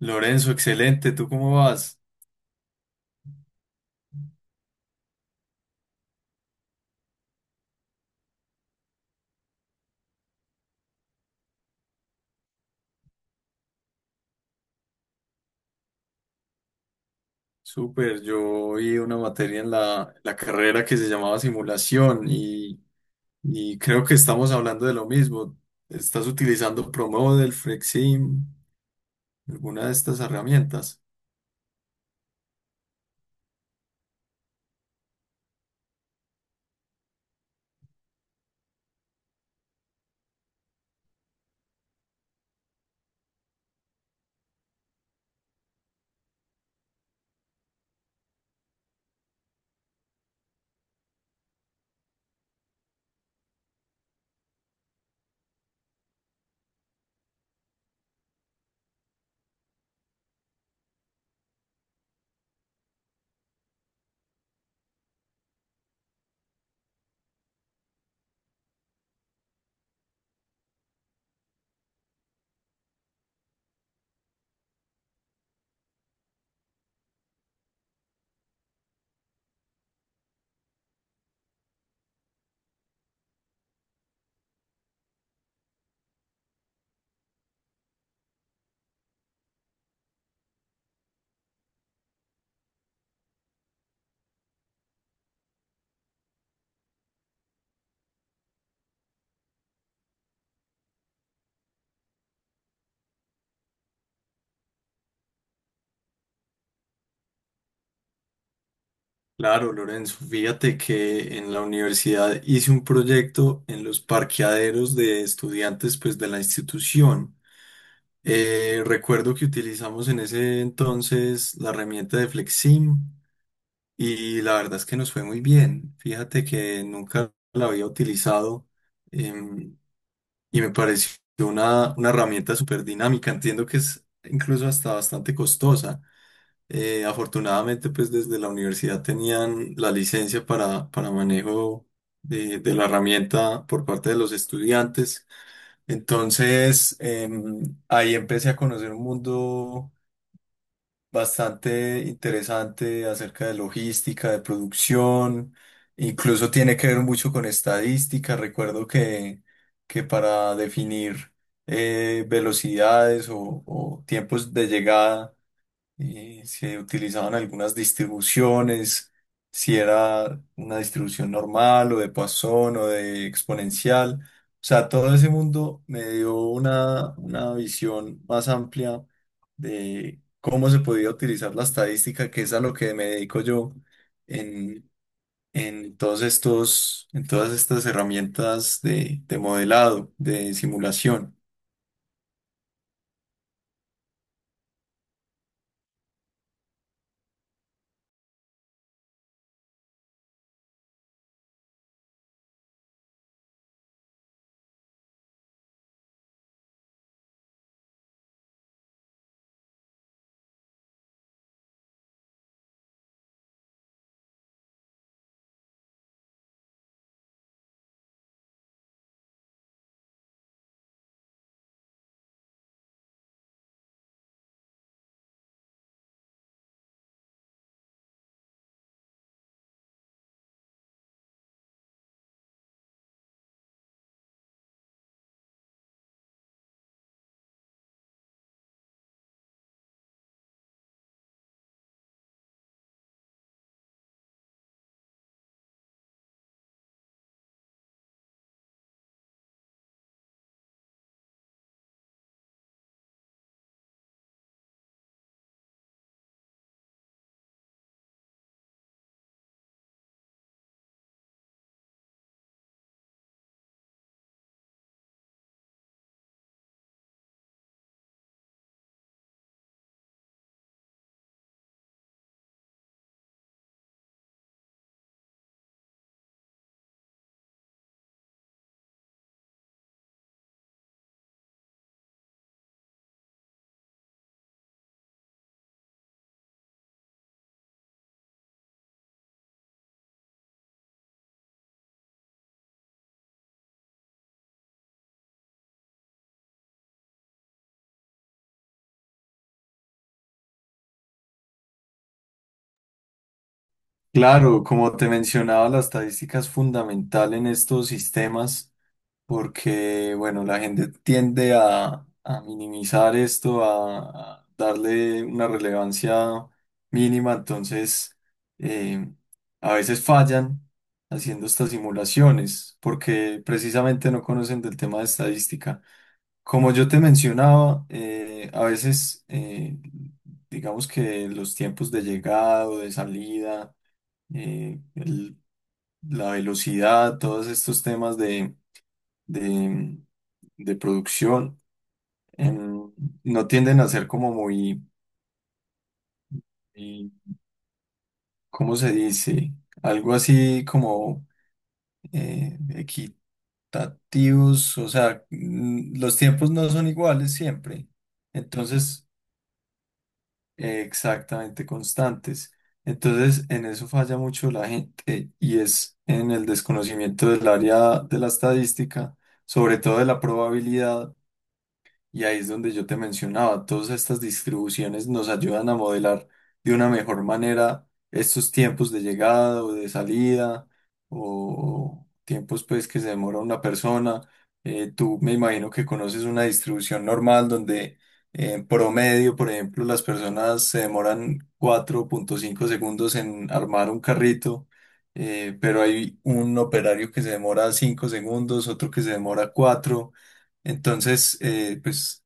Lorenzo, excelente. ¿Tú cómo vas? Súper. Yo vi una materia en la carrera que se llamaba simulación y creo que estamos hablando de lo mismo. ¿Estás utilizando ProModel, Flexim, alguna de estas herramientas? Claro, Lorenzo. Fíjate que en la universidad hice un proyecto en los parqueaderos de estudiantes pues, de la institución. Recuerdo que utilizamos en ese entonces la herramienta de Flexim. Y la verdad es que nos fue muy bien. Fíjate que nunca la había utilizado em, y me pareció una herramienta súper dinámica. Entiendo que es incluso hasta bastante costosa. Afortunadamente, pues desde la universidad tenían la licencia para manejo de la herramienta por parte de los estudiantes. Entonces, ahí empecé a conocer un mundo bastante interesante acerca de logística, de producción, incluso tiene que ver mucho con estadística. Recuerdo que para definir velocidades o tiempos de llegada, y si utilizaban algunas distribuciones, si era una distribución normal o de Poisson o de exponencial. O sea, todo ese mundo me dio una visión más amplia de cómo se podía utilizar la estadística, que es a lo que me dedico yo en, en todos estos, en todas estas herramientas de modelado, de simulación. Claro, como te mencionaba, la estadística es fundamental en estos sistemas porque, bueno, la gente tiende a minimizar esto, a darle una relevancia mínima, entonces eh, a veces fallan haciendo estas simulaciones, porque precisamente no conocen del tema de estadística. Como yo te mencionaba, a veces, digamos que los tiempos de llegada o de salida, eh, el- la velocidad, todos estos temas de, de producción em, no tienden a ser como muy, muy, ¿cómo se dice? Algo así como eh, equitativos, o sea, mm, los tiempos no son iguales siempre, entonces exactamente constantes. Entonces, en eso falla mucho la gente y es en el desconocimiento del área de la estadística, sobre todo de la probabilidad. Y ahí es donde yo te mencionaba, todas estas distribuciones nos ayudan a modelar de una mejor manera estos tiempos de llegada o de salida o tiempos pues que se demora una persona. Tú me imagino que conoces una distribución normal donde en promedio, por ejemplo, las personas se demoran 4,5 segundos en armar un carrito, pero hay un operario que se demora 5 segundos, otro que se demora cuatro. Entonces, pues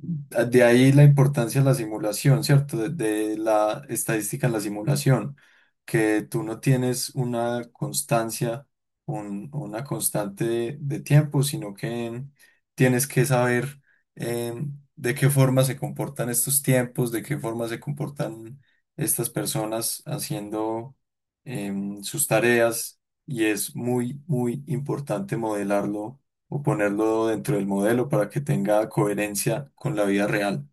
de ahí la importancia de la simulación, ¿cierto? De la estadística en la simulación, que tú no tienes una constancia, una constante de tiempo, sino que tienes que saber eh, de qué forma se comportan estos tiempos, de qué forma se comportan estas personas haciendo sus tareas, y es muy, muy importante modelarlo o ponerlo dentro del modelo para que tenga coherencia con la vida real.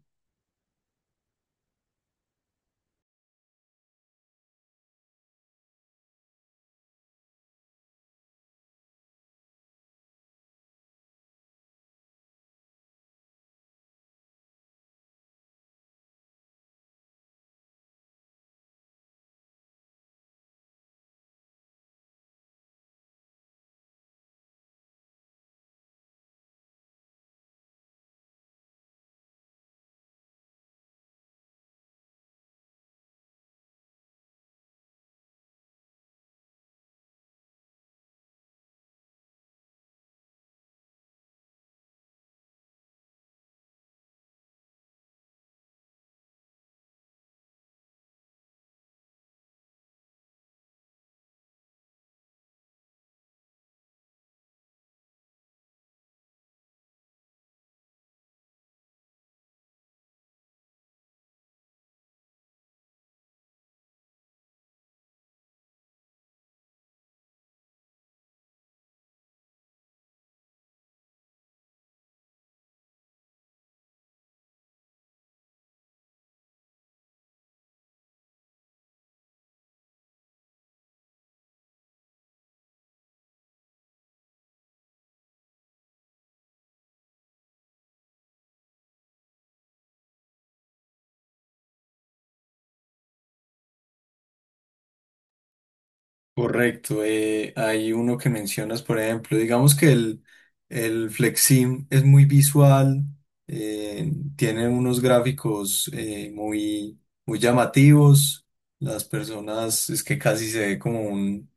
Correcto. Hay uno que mencionas, por ejemplo, digamos que el FlexSim es muy visual, eh, tiene unos gráficos muy, muy llamativos. Las personas es que casi se ve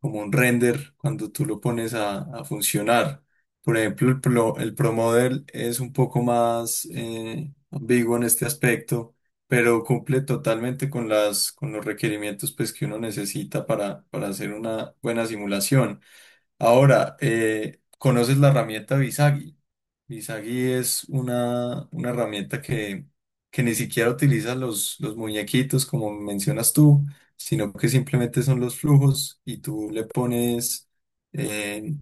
como un render cuando tú lo pones a funcionar. Por ejemplo, el Pro Model es un poco más ambiguo en este aspecto, pero cumple totalmente con las, con los requerimientos pues, que uno necesita para hacer una buena simulación. Ahora, ¿conoces la herramienta Visagi? Visagi es una herramienta que ni siquiera utiliza los muñequitos, como mencionas tú, sino que simplemente son los flujos y tú le pones eh,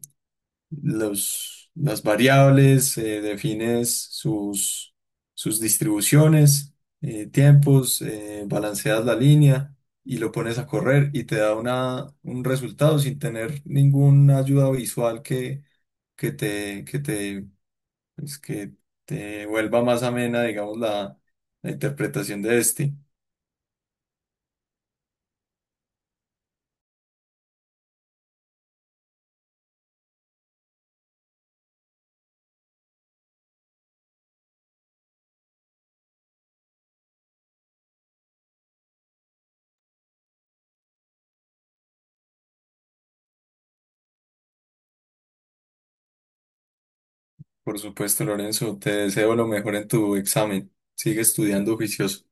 los, las variables, defines sus, sus distribuciones, tiempos, balanceas la línea y lo pones a correr y te da una, un resultado sin tener ninguna ayuda visual que te, que te, que te vuelva más amena, digamos, la interpretación de este. Por supuesto, Lorenzo, te deseo lo mejor en tu examen. Sigue estudiando juicioso.